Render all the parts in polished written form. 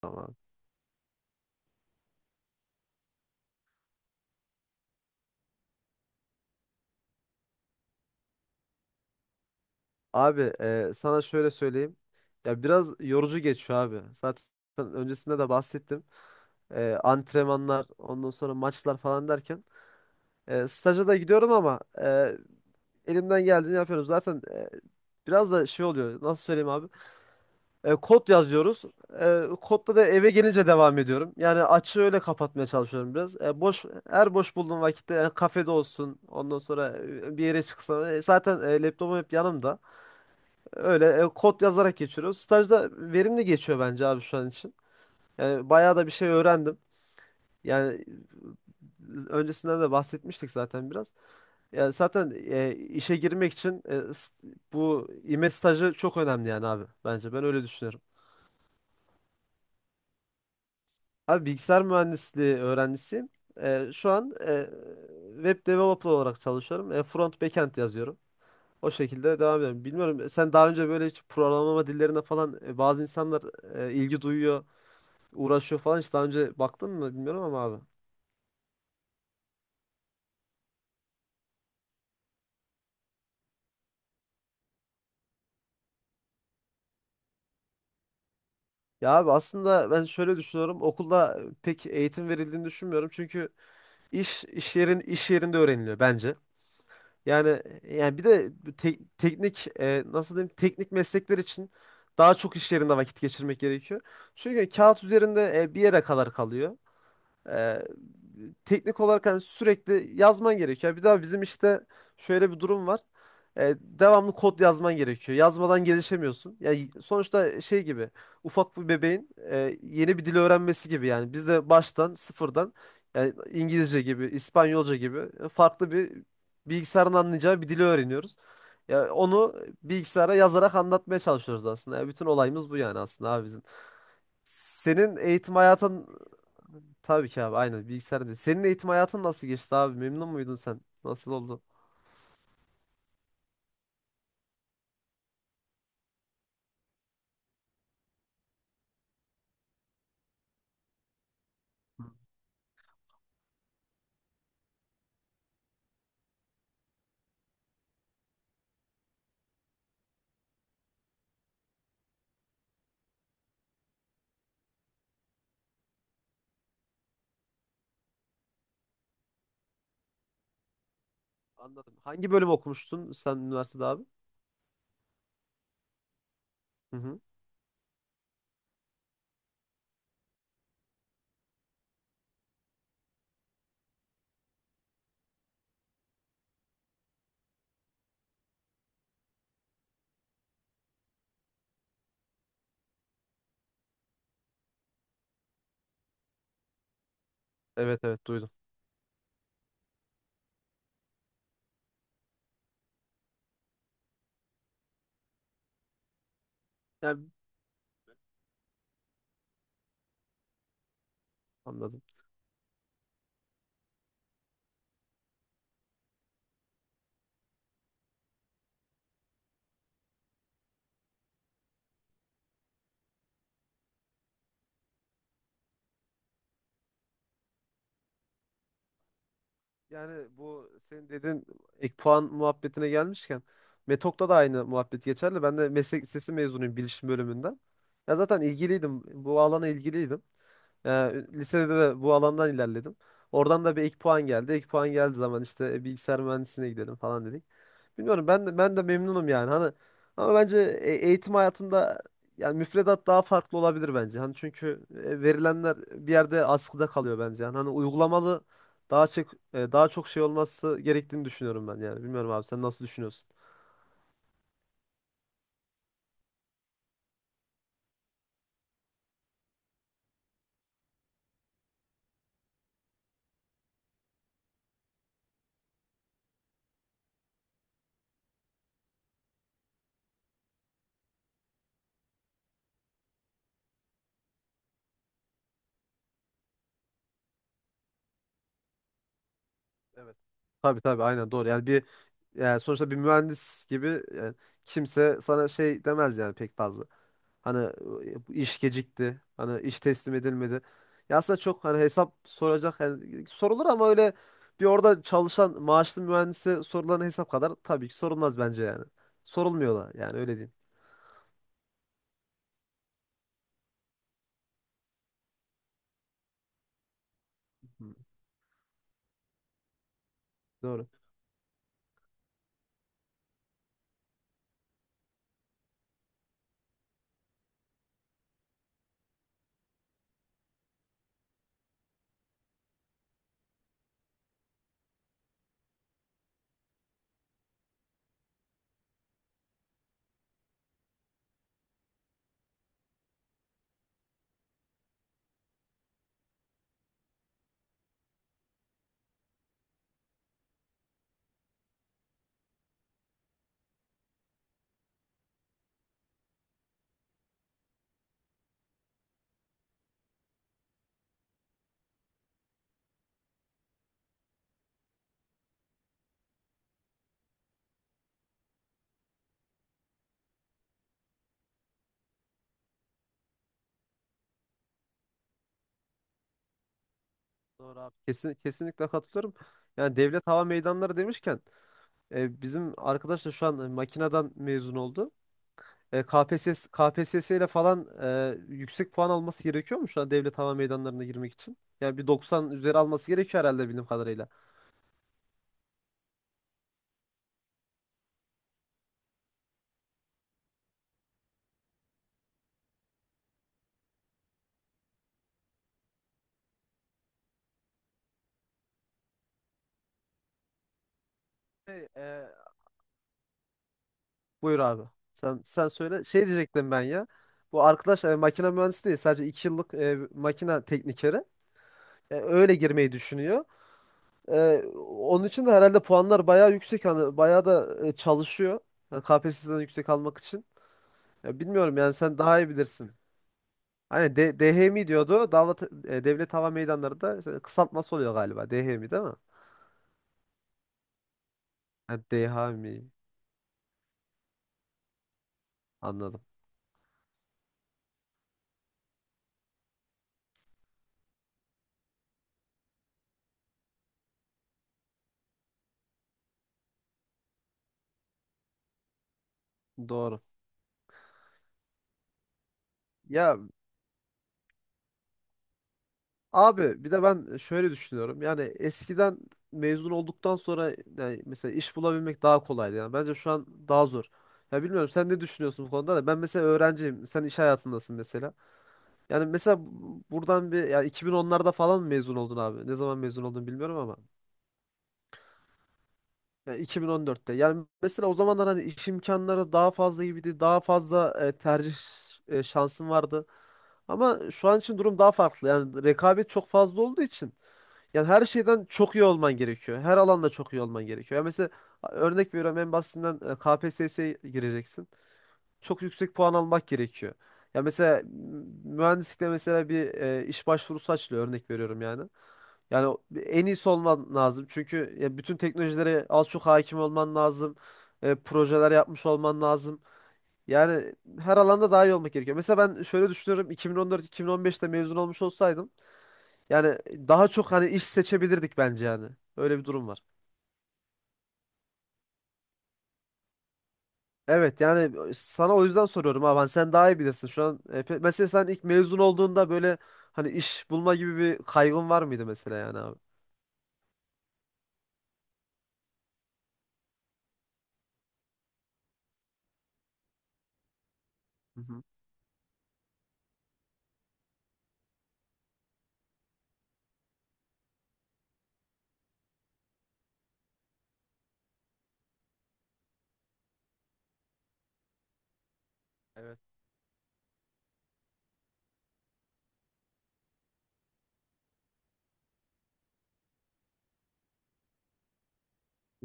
Tamam. Abi sana şöyle söyleyeyim. Ya biraz yorucu geçiyor abi. Zaten öncesinde de bahsettim. Antrenmanlar, ondan sonra maçlar falan derken. Staja da gidiyorum ama elimden geldiğini yapıyorum. Zaten biraz da şey oluyor. Nasıl söyleyeyim abi? Kod yazıyoruz. Kodda da eve gelince devam ediyorum. Yani açığı öyle kapatmaya çalışıyorum biraz. Her boş bulduğum vakitte kafede olsun. Ondan sonra bir yere çıksam. Zaten laptopum hep yanımda. Öyle kod yazarak geçiriyoruz. Stajda verimli geçiyor bence abi şu an için. Yani bayağı da bir şey öğrendim. Yani öncesinden de bahsetmiştik zaten biraz. Yani zaten işe girmek için bu İME stajı çok önemli yani abi bence. Ben öyle düşünüyorum. Abi bilgisayar mühendisliği öğrencisiyim. Şu an web developer olarak çalışıyorum. Front backend yazıyorum. O şekilde devam ediyorum. Bilmiyorum sen daha önce böyle hiç programlama dillerine falan bazı insanlar ilgi duyuyor. Uğraşıyor falan hiç daha önce baktın mı bilmiyorum ama abi. Ya abi aslında ben şöyle düşünüyorum. Okulda pek eğitim verildiğini düşünmüyorum. Çünkü iş yerinde öğreniliyor bence. Yani bir de teknik nasıl diyeyim teknik meslekler için daha çok iş yerinde vakit geçirmek gerekiyor. Çünkü kağıt üzerinde bir yere kadar kalıyor. Ee, Teknik olarak hani sürekli yazman gerekiyor. Bir daha bizim işte şöyle bir durum var. Devamlı kod yazman gerekiyor. Yazmadan gelişemiyorsun. Yani sonuçta şey gibi ufak bir bebeğin yeni bir dil öğrenmesi gibi yani. Biz de baştan sıfırdan yani İngilizce gibi, İspanyolca gibi farklı bir bilgisayarın anlayacağı bir dili öğreniyoruz. Ya onu bilgisayara yazarak anlatmaya çalışıyoruz aslında. Ya bütün olayımız bu yani aslında abi bizim. Senin eğitim hayatın tabii ki abi aynen bilgisayarda. Senin eğitim hayatın nasıl geçti abi? Memnun muydun sen? Nasıl oldu? Anladım. Hangi bölüm okumuştun sen üniversitede abi? Hı hı. Evet, evet, duydum. Yani anladım. Yani bu senin dediğin ek puan muhabbetine gelmişken Metok'ta da aynı muhabbet geçerli. Ben de meslek lisesi mezunuyum bilişim bölümünden. Ya zaten ilgiliydim. Bu alana ilgiliydim. Yani lisede de bu alandan ilerledim. Oradan da bir ek puan geldi. Ek puan geldiği zaman işte bilgisayar mühendisliğine gidelim falan dedik. Bilmiyorum ben de memnunum yani. Hani ama bence eğitim hayatında yani müfredat daha farklı olabilir bence. Hani çünkü verilenler bir yerde askıda kalıyor bence. Yani hani uygulamalı daha çok daha çok şey olması gerektiğini düşünüyorum ben yani. Bilmiyorum abi sen nasıl düşünüyorsun? Evet. Tabii tabii aynen doğru. Yani bir yani sonuçta bir mühendis gibi e, kimse sana şey demez yani pek fazla. Hani iş gecikti. Hani iş teslim edilmedi. Ya aslında çok hani hesap soracak yani sorulur ama öyle bir orada çalışan maaşlı mühendise sorulan hesap kadar tabii ki sorulmaz bence yani. Sorulmuyorlar yani öyle diyeyim. Hı. Doğru. Doğru abi. Kesinlikle katılıyorum. Yani devlet hava meydanları demişken bizim arkadaş da şu an makineden mezun oldu. KPSS ile falan yüksek puan alması gerekiyor mu şu an devlet hava meydanlarına girmek için? Yani bir 90 üzeri alması gerekiyor herhalde bildiğim kadarıyla. Şey, buyur abi. Sen söyle. Şey diyecektim ben ya. Bu arkadaş makine mühendisi değil. Sadece 2 yıllık makine teknikeri. Öyle girmeyi düşünüyor. Onun için de herhalde puanlar bayağı yüksek. Hani bayağı da çalışıyor. Yani KPSS'den yüksek almak için. Ya bilmiyorum yani sen daha iyi bilirsin. Hani DHMİ diyordu. Devlet Hava Meydanları da işte kısaltması oluyor galiba. DHMİ değil mi? Ha, DHMİ anladım. Doğru. Ya abi bir de ben şöyle düşünüyorum. Yani eskiden mezun olduktan sonra yani mesela iş bulabilmek daha kolaydı. Yani bence şu an daha zor. Ya bilmiyorum sen ne düşünüyorsun bu konuda da ben mesela öğrenciyim. Sen iş hayatındasın mesela. Yani mesela buradan bir yani 2010'larda falan mı mezun oldun abi? Ne zaman mezun oldun bilmiyorum ama. Yani 2014'te. Yani mesela o zamanlar hani iş imkanları daha fazla gibiydi. Daha fazla tercih şansın vardı. Ama şu an için durum daha farklı. Yani rekabet çok fazla olduğu için yani her şeyden çok iyi olman gerekiyor. Her alanda çok iyi olman gerekiyor. Yani mesela örnek veriyorum en basitinden KPSS'ye gireceksin çok yüksek puan almak gerekiyor. Ya mesela mühendislikte mesela bir iş başvurusu açılıyor örnek veriyorum yani. Yani en iyisi olman lazım. Çünkü ya bütün teknolojilere az çok hakim olman lazım. Projeler yapmış olman lazım. Yani her alanda daha iyi olmak gerekiyor. Mesela ben şöyle düşünüyorum. 2014-2015'te mezun olmuş olsaydım yani daha çok hani iş seçebilirdik bence yani. Öyle bir durum var. Evet yani sana o yüzden soruyorum ha ben sen daha iyi bilirsin şu an. Mesela sen ilk mezun olduğunda böyle hani iş bulma gibi bir kaygın var mıydı mesela yani abi? Hı hı. Evet.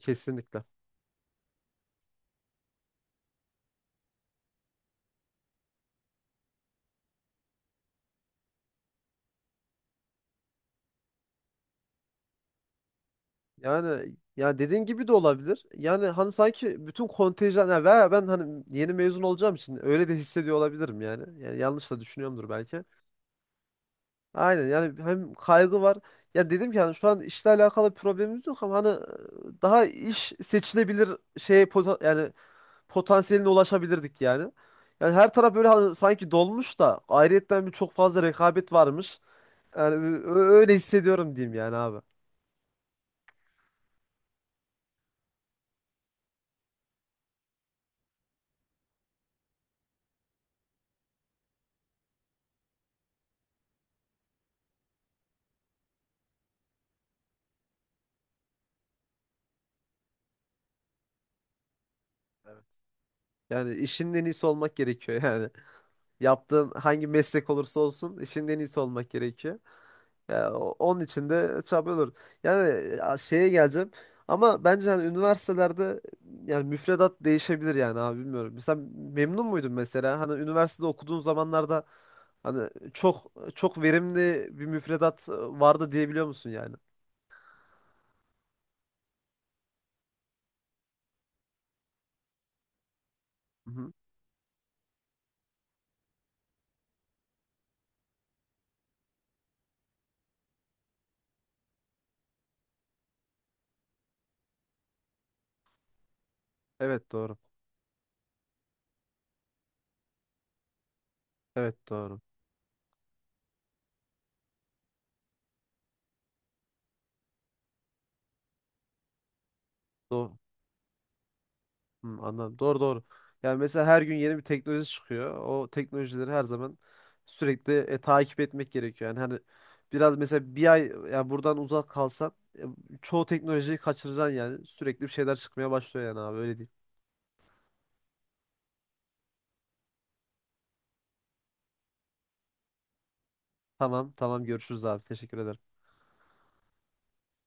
Kesinlikle. Yani ya dediğin gibi de olabilir. Yani hani sanki bütün kontenjan ya veya ben hani yeni mezun olacağım için öyle de hissediyor olabilirim yani. Yani yanlış da düşünüyorumdur belki. Aynen yani hem kaygı var. Ya dedim ki hani şu an işle alakalı bir problemimiz yok ama hani daha iş seçilebilir şey yani potansiyeline ulaşabilirdik yani. Yani her taraf böyle hani sanki dolmuş da ayrıyetten bir çok fazla rekabet varmış. Yani öyle hissediyorum diyeyim yani abi. Evet. Yani işin en iyisi olmak gerekiyor yani. Yaptığın hangi meslek olursa olsun işin en iyisi olmak gerekiyor. Ya, onun için de çabalıyorlar. Yani ya, şeye geleceğim. Ama bence hani üniversitelerde yani müfredat değişebilir yani abi bilmiyorum. Sen memnun muydun mesela? Hani üniversitede okuduğun zamanlarda hani çok çok verimli bir müfredat vardı diyebiliyor musun yani? Hı hı. Evet doğru. Evet doğru. Doğru. Hmm, anladım. Doğru, doğru. Yani mesela her gün yeni bir teknoloji çıkıyor. O teknolojileri her zaman sürekli takip etmek gerekiyor. Yani hani biraz mesela bir ay yani buradan uzak kalsan e, çoğu teknolojiyi kaçıracaksın yani. Sürekli bir şeyler çıkmaya başlıyor yani abi öyle diyeyim. Tamam, tamam, görüşürüz abi. Teşekkür ederim.